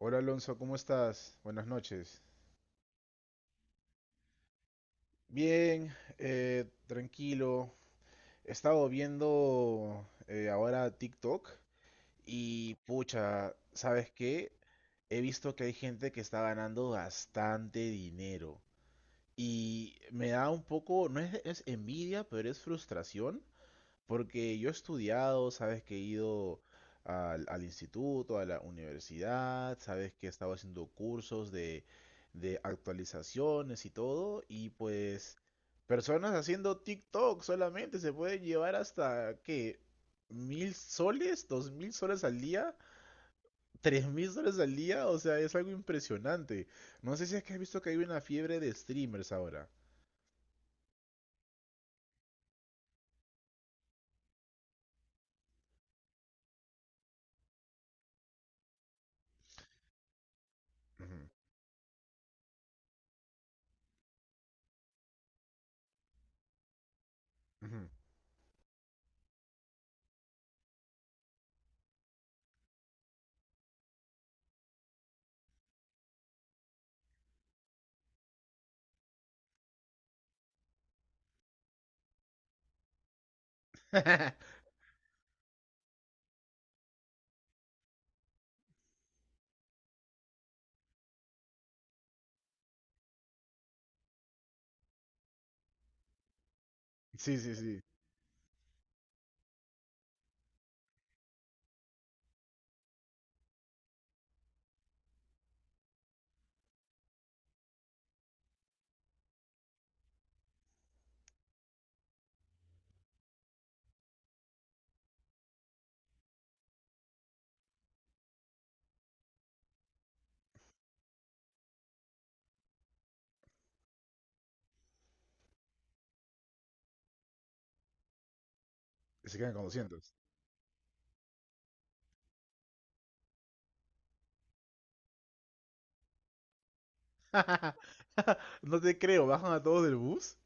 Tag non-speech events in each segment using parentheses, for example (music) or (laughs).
Hola Alonso, ¿cómo estás? Buenas noches. Bien, tranquilo. He estado viendo ahora TikTok. Y pucha, ¿sabes qué? He visto que hay gente que está ganando bastante dinero y me da un poco, no es, es envidia, pero es frustración. Porque yo he estudiado, sabes que he ido al instituto, a la universidad. Sabes que he estado haciendo cursos de actualizaciones y todo, y pues personas haciendo TikTok solamente se pueden llevar hasta, ¿qué? ¿1000 soles? ¿2000 soles al día? ¿3000 soles al día? O sea, es algo impresionante. No sé si es que has visto que hay una fiebre de streamers ahora. Ujú, ujú. (laughs) Sí, sí, sí. Se quedan con 200. (laughs) No te creo, ¿bajan a todos del bus?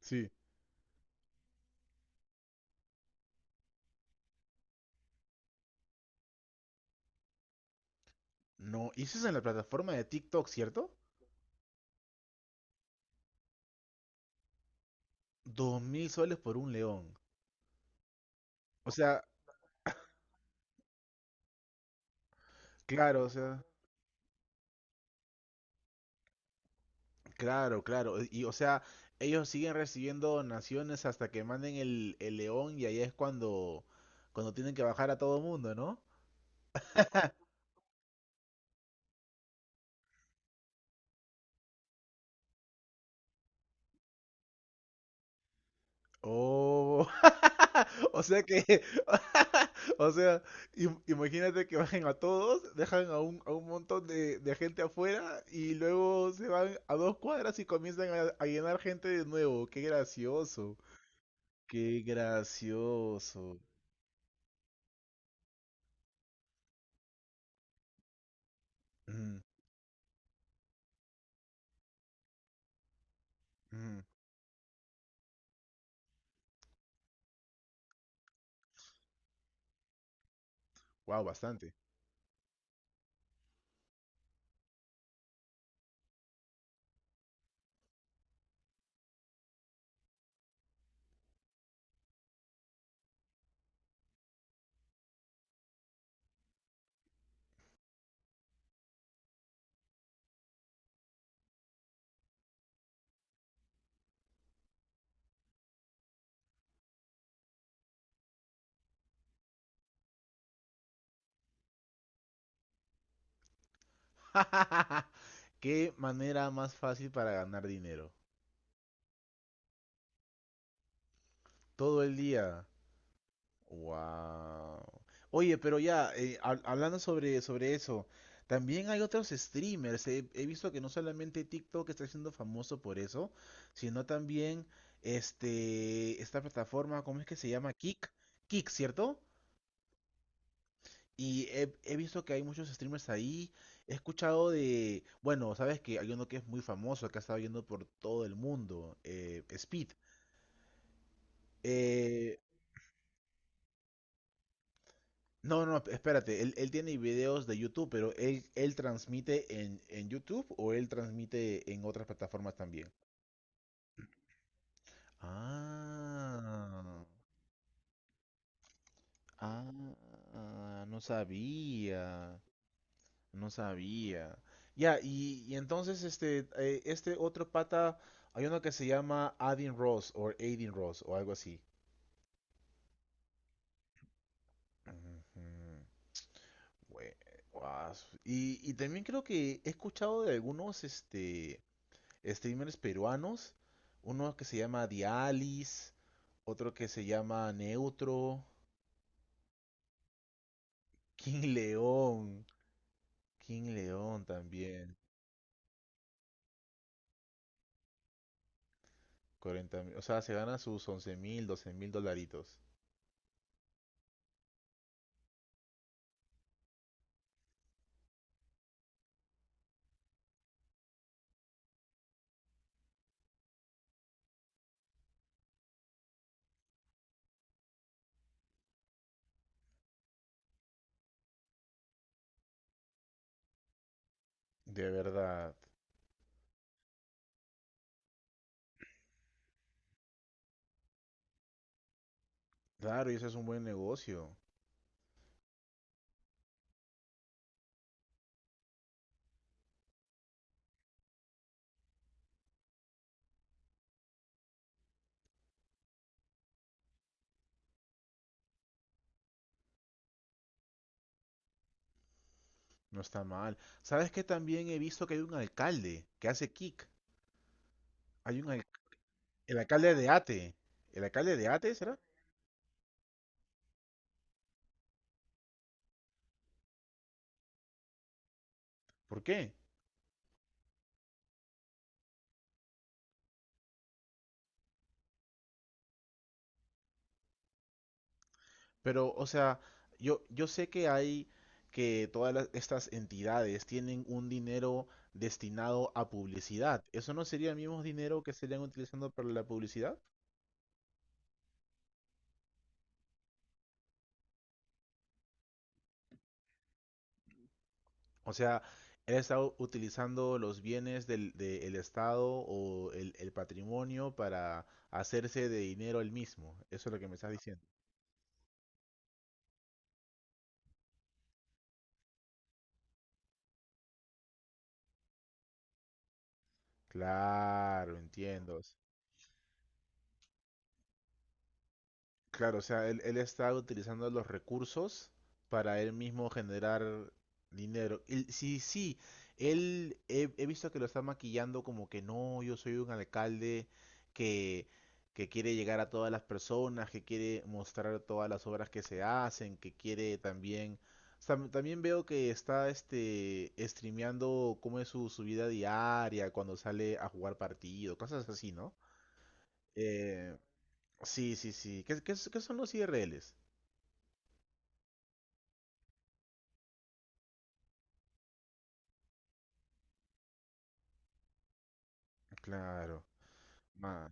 Sí. No, y eso es en la plataforma de TikTok, ¿cierto? 2000 soles por un león. O sea, claro, o sea, claro, claro. Y o sea, ellos siguen recibiendo donaciones hasta que manden el león, y ahí es cuando tienen que bajar a todo mundo, ¿no? Oh, (laughs) o sea que, (laughs) o sea, imagínate que bajen a todos, dejan a un montón de gente afuera, y luego se van a 2 cuadras y comienzan a llenar gente de nuevo. Qué gracioso, qué gracioso. Wow, bastante. (laughs) Qué manera más fácil para ganar dinero. Todo el día. Wow. Oye, pero ya, hablando sobre eso, también hay otros streamers. He visto que no solamente TikTok está siendo famoso por eso, sino también esta plataforma. ¿Cómo es que se llama? Kick. Kick, ¿cierto? Y he visto que hay muchos streamers ahí. He escuchado de, bueno, sabes que hay uno que es muy famoso, que ha estado yendo por todo el mundo, Speed. Eh, No, no, espérate, él tiene videos de YouTube, pero él transmite en YouTube o él transmite en otras plataformas también. Ah, ah, no sabía, no sabía. Ya, y entonces este otro pata, hay uno que se llama Adin Ross o algo así. Ujú, güey, guas. Y también creo que he escuchado de algunos, streamers peruanos. Uno que se llama Dialis, otro que se llama Neutro, King León, King León también. 40, o sea, se gana sus 11 mil, 12 mil dolaritos. De verdad. Claro, y eso es un buen negocio. No está mal. ¿Sabes qué? También he visto que hay un alcalde que hace kick. Hay un al- el alcalde de Ate. ¿El alcalde de Ate será? ¿Por qué? Pero, o sea, yo sé que hay que todas estas entidades tienen un dinero destinado a publicidad. ¿Eso no sería el mismo dinero que estarían utilizando para la publicidad? O sea, él está utilizando los bienes del Estado o el patrimonio para hacerse de dinero él mismo. Eso es lo que me estás diciendo. Claro, entiendo. Claro, o sea, él está utilizando los recursos para él mismo generar dinero. Y sí, sí, él he visto que lo está maquillando como que no, yo soy un alcalde que, que quiere llegar a todas las personas, que quiere mostrar todas las obras que se hacen, que quiere también... También veo que está streameando cómo es su vida diaria, cuando sale a jugar partido, cosas así, ¿no? Eh, Sí, sí, sí. ¿Qué son los IRLs? Claro. Ma-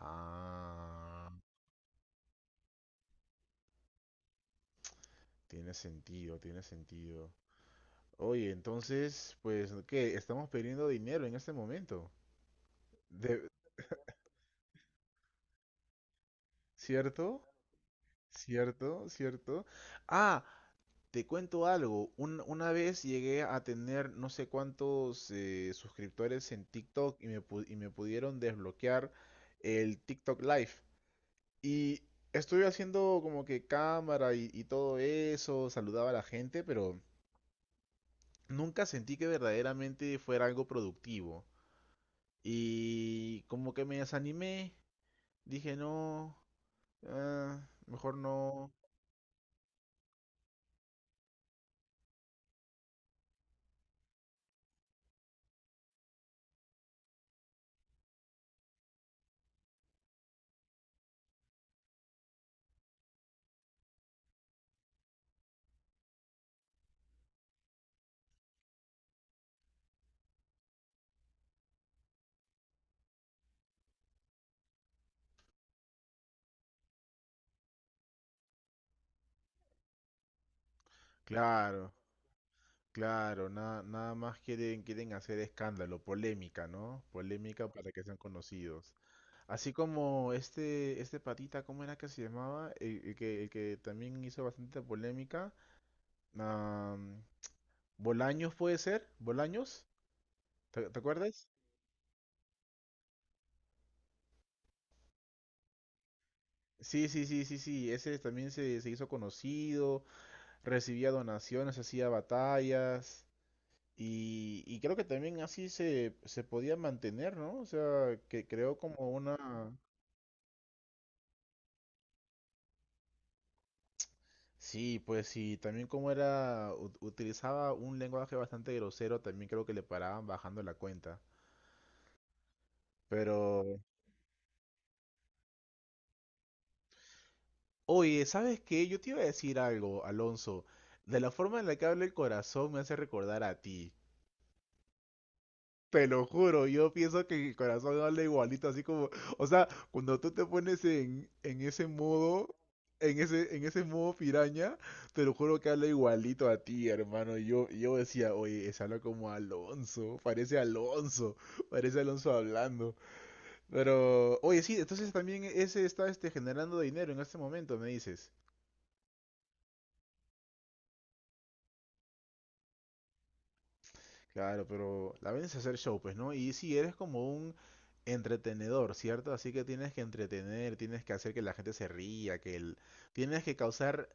Ah, tiene sentido, tiene sentido. Oye, entonces, pues, ¿qué? Estamos perdiendo dinero en este momento. De- ¿Cierto? ¿Cierto? ¿Cierto? Ah, te cuento algo. Una vez llegué a tener no sé cuántos suscriptores en TikTok, y y me pudieron desbloquear el TikTok Live. Y estuve haciendo como que cámara y todo eso, saludaba a la gente, pero nunca sentí que verdaderamente fuera algo productivo. Y como que me desanimé. Dije, no, ah, mejor no. Claro, claro, nada más quieren hacer escándalo, polémica, ¿no? Polémica para que sean conocidos. Así como este patita, ¿cómo era que se llamaba? El que también hizo bastante polémica. Ah, Bolaños puede ser, Bolaños, ¿te acuerdas? Sí, sí, sí, sí, sí, ese también se hizo conocido, recibía donaciones, hacía batallas, y creo que también así se podía mantener, ¿no? O sea, que creó como una... Sí, pues sí, también como era, utilizaba un lenguaje bastante grosero. También creo que le paraban bajando la cuenta. Pero, oye, ¿sabes qué? Yo te iba a decir algo, Alonso. De la forma en la que habla el corazón me hace recordar a ti. Te lo juro, yo pienso que mi corazón habla igualito, así como, o sea, cuando tú te pones en ese modo, en ese modo piraña, te lo juro que habla igualito a ti, hermano. Y yo decía, oye, se habla como Alonso, parece Alonso, parece Alonso hablando. Pero, oye, sí, entonces también ese está generando dinero en este momento, me dices. Claro, pero la vaina es hacer show, pues, ¿no? Y si eres como un entretenedor, ¿cierto? Así que tienes que entretener, tienes que hacer que la gente se ría, que el... tienes que causar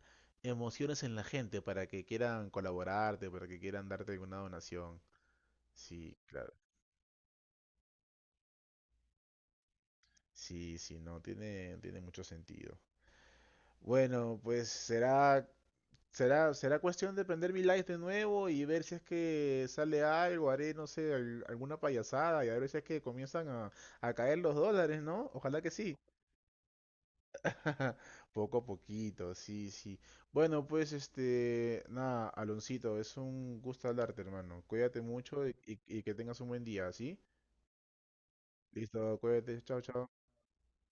emociones en la gente para que quieran colaborarte, para que quieran darte alguna donación. Sí, claro. Sí, sí, no, tiene mucho sentido. Bueno, pues será cuestión de prender mi live de nuevo y ver si es que sale algo. Haré, no sé, alguna payasada y a ver si es que comienzan a caer los dólares, ¿no? Ojalá que sí. (laughs) Poco a poquito, sí, sí. Bueno, pues este, nada, Aloncito, es un gusto hablarte, hermano. Cuídate mucho y que tengas un buen día, ¿sí? Listo, cuídate, chao, chao.